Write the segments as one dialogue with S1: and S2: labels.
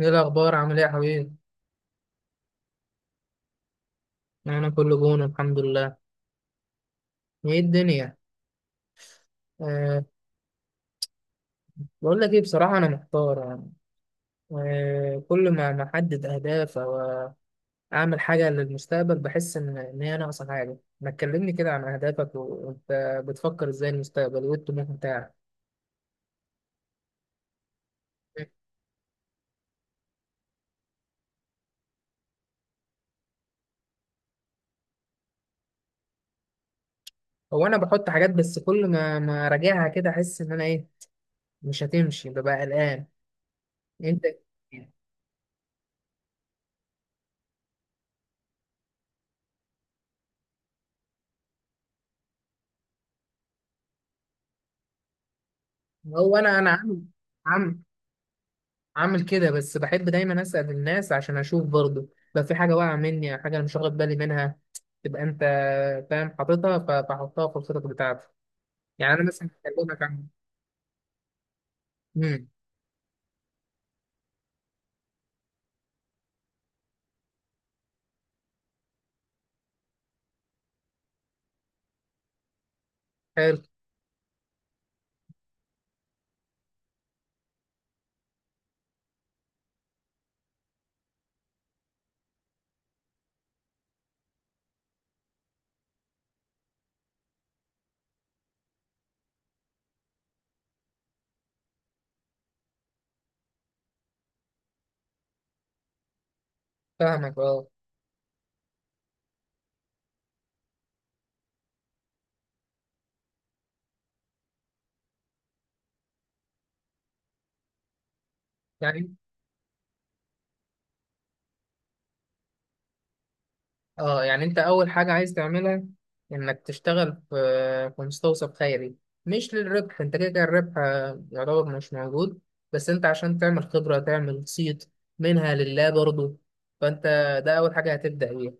S1: ايه الاخبار؟ عامل ايه يا حبيبي؟ انا كله جون، الحمد لله. ايه الدنيا؟ أه بقول لك ايه، بصراحه انا محتار يعني. كل ما احدد اهداف او اعمل حاجه للمستقبل بحس ان هي ناقصه حاجه. ما تكلمني كده عن اهدافك وانت بتفكر ازاي المستقبل، وايه الطموح بتاعك؟ هو انا بحط حاجات، بس كل ما اراجعها كده احس ان انا ايه، مش هتمشي، ببقى قلقان انت. هو انا عامل عامل كده، بس بحب دايما اسال الناس عشان اشوف برضه لو في حاجه واقعه مني، او حاجه انا مش واخد بالي منها، تبقى انت فاهم حاططها، فحطها في الخطط بتاعتي. يعني انا مثلا هكلمك عن امم حلو. فاهمك. اه يعني اه يعني انت اول حاجه عايز تعملها انك تشتغل في في مستوصف خيري، مش للربح، انت كده كده الربح يعتبر مش موجود، بس انت عشان تعمل خبره، تعمل صيت، منها لله برضه. فانت ده اول حاجه هتبدا بيها.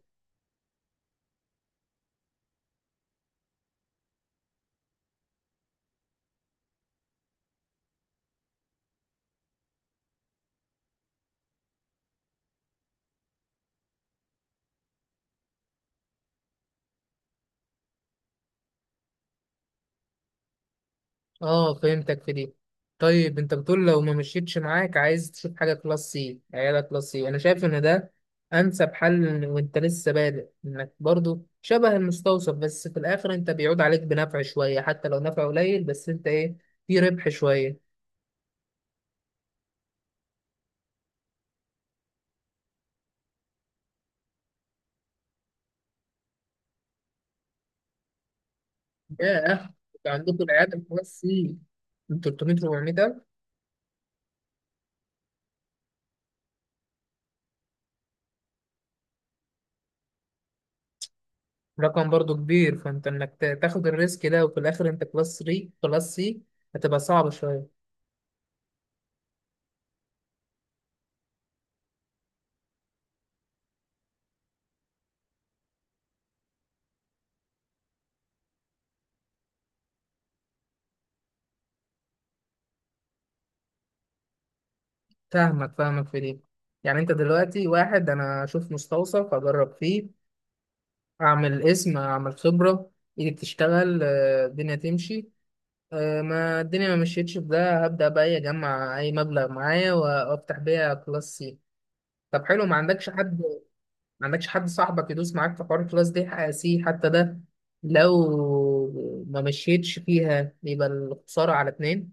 S1: اه فهمتك في دي. طيب انت بتقول لو ما مشيتش معاك، عايز تشوف حاجه كلاس سي، عيالك كلاس سي، انا شايف ان ده انسب حل، وانت لسه بادئ، انك برضو شبه المستوصف، بس في الاخر انت بيعود عليك بنفع شويه، حتى لو نفع قليل، بس انت ايه، في ربح شويه. ياه، انت عندكم العيال كلاس سي من 300 400 الف؟ رقم برضو كبير، فانت انك تاخد الريسك ده وفي الاخر انت كلاس 3 كلاس سي هتبقى صعبه شويه. فاهمك فاهمك في دي. يعني انت دلوقتي واحد انا اشوف مستوصف اجرب فيه، اعمل اسم، اعمل خبرة، ايدي بتشتغل، الدنيا تمشي. ما الدنيا ما مشيتش في ده، هبدأ بقى إيه، اجمع اي مبلغ معايا وافتح بيها كلاس سي. طب حلو، ما عندكش حد، ما عندكش حد صاحبك يدوس معاك في حوار الكلاس دي حق سي حتى ده، لو ما مشيتش فيها يبقى الخسارة على اتنين.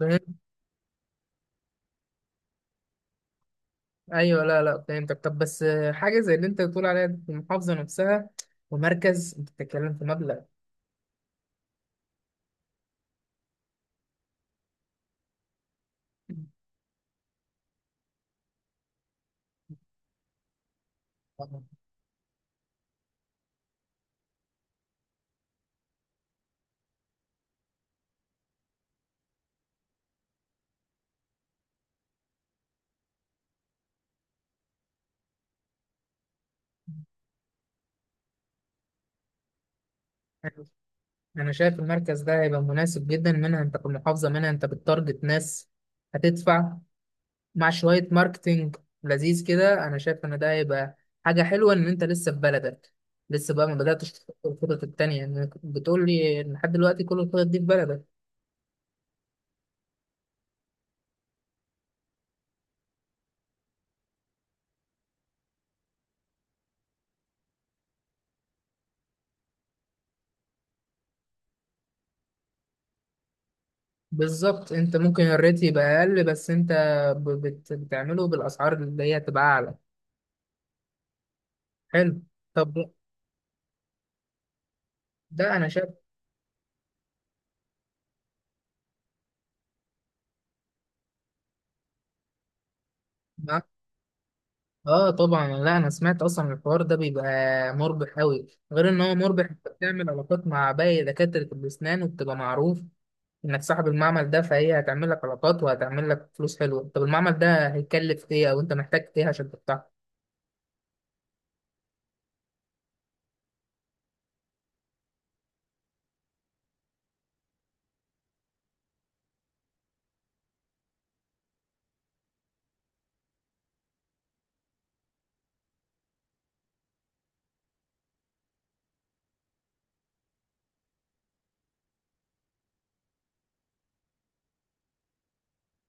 S1: مم. ايوه، لا فهمتك. طب بس حاجه زي اللي انت بتقول عليها دي في المحافظه نفسها، ومركز، انت بتتكلم في مبلغ. انا شايف المركز ده هيبقى مناسب جدا، منها انت في المحافظه، منها انت بتتارجت ناس هتدفع، مع شويه ماركتينج لذيذ كده. انا شايف ان ده هيبقى حاجه حلوه، ان انت لسه في بلدك، لسه بقى ما بداتش تفكر الخطط التانيه. يعني بتقول لي إن لحد دلوقتي كل الخطط دي في بلدك. بالظبط. انت ممكن الريت يبقى اقل، بس انت بتعمله بالاسعار اللي هي تبقى اعلى. حلو. طب ده، ده انا شايف معاك. اه طبعا، لا انا سمعت اصلا الحوار ده بيبقى مربح قوي، غير ان هو مربح، انت بتعمل علاقات مع باقي دكاترة الاسنان وبتبقى معروف انك صاحب المعمل ده، فهي هتعمل لك علاقات وهتعمل لك فلوس حلوة. طب المعمل ده هيكلف ايه، او انت محتاج ايه عشان تفتحه؟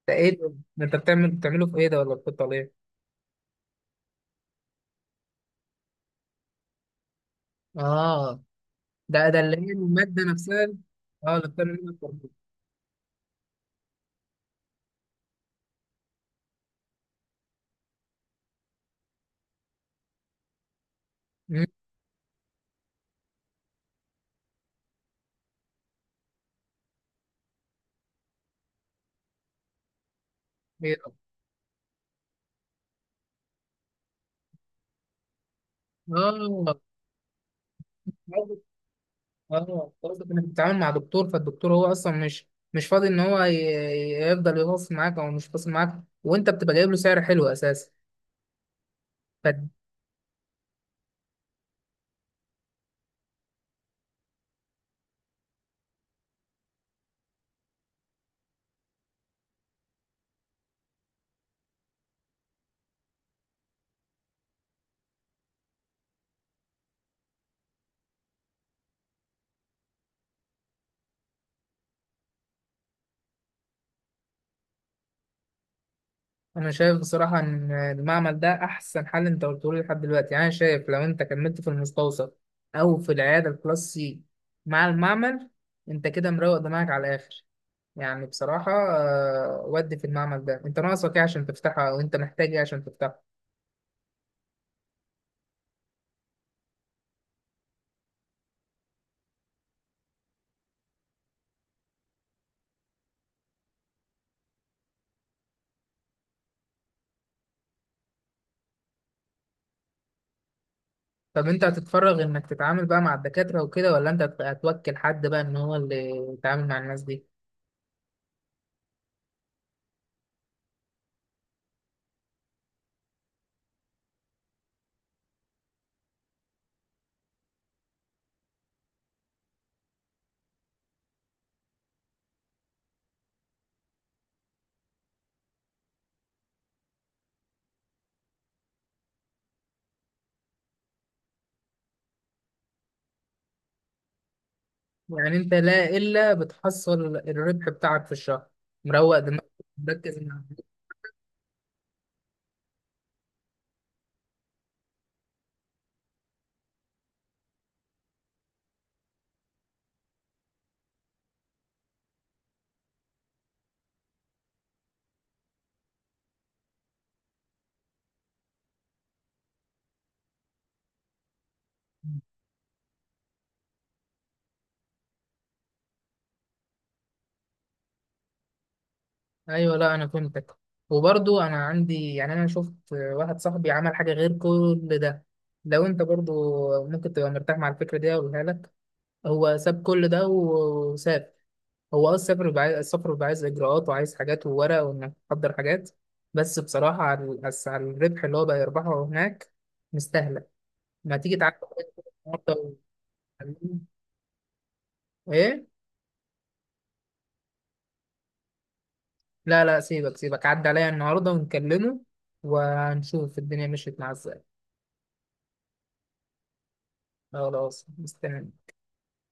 S1: ده ايه؟ ده انت بتعمل بتعمله في ايه ده، ولا بتحطه على ايه؟ اه. ده اللي هي المادة نفسها. اه، اللي بتعمل منها الفرمول. مم، هي- اه، برضه- اه قصدك انك بتتعامل مع دكتور، فالدكتور هو اصلا مش مش فاضي ان هو يفضل يواصل معاك او مش فاصل معاك، وانت بتبقى جايب له سعر حلو اساسا. انا شايف بصراحه ان المعمل ده احسن حل انت قلته لي لحد دلوقتي. يعني انا شايف لو انت كملت في المستوصف او في العياده الكلاس سي مع المعمل، انت كده مروق دماغك على الاخر. يعني بصراحه ودي. في المعمل ده انت ناقصك ايه عشان تفتحها، او انت محتاج ايه عشان تفتحها؟ طب انت هتتفرغ انك تتعامل بقى مع الدكاتره وكده، ولا انت هتوكل حد بقى ان هو اللي يتعامل مع الناس دي؟ يعني انت لا الا بتحصل الربح بتاعك في الشهر، مروق دماغك، مركز مع الناس. ايوه، لا انا فهمتك. وبرضو انا عندي، يعني انا شفت واحد صاحبي عمل حاجه غير كل ده، لو انت برضو ممكن تبقى مرتاح مع الفكره دي اقولها لك. هو ساب كل ده وساب، هو اه السفر بيبقى عايز، السفر بيبقى عايز اجراءات وعايز حاجات وورق وانك تحضر حاجات، بس بصراحه على بس على الربح اللي هو بقى يربحه هناك مستاهله. ما تيجي تعدي عليا النهارده ونكلمه. ايه؟ لا لا، سيبك عدى عليا النهارده ونكلمه، ونشوف الدنيا مشيت معاه ازاي. خلاص، مستني.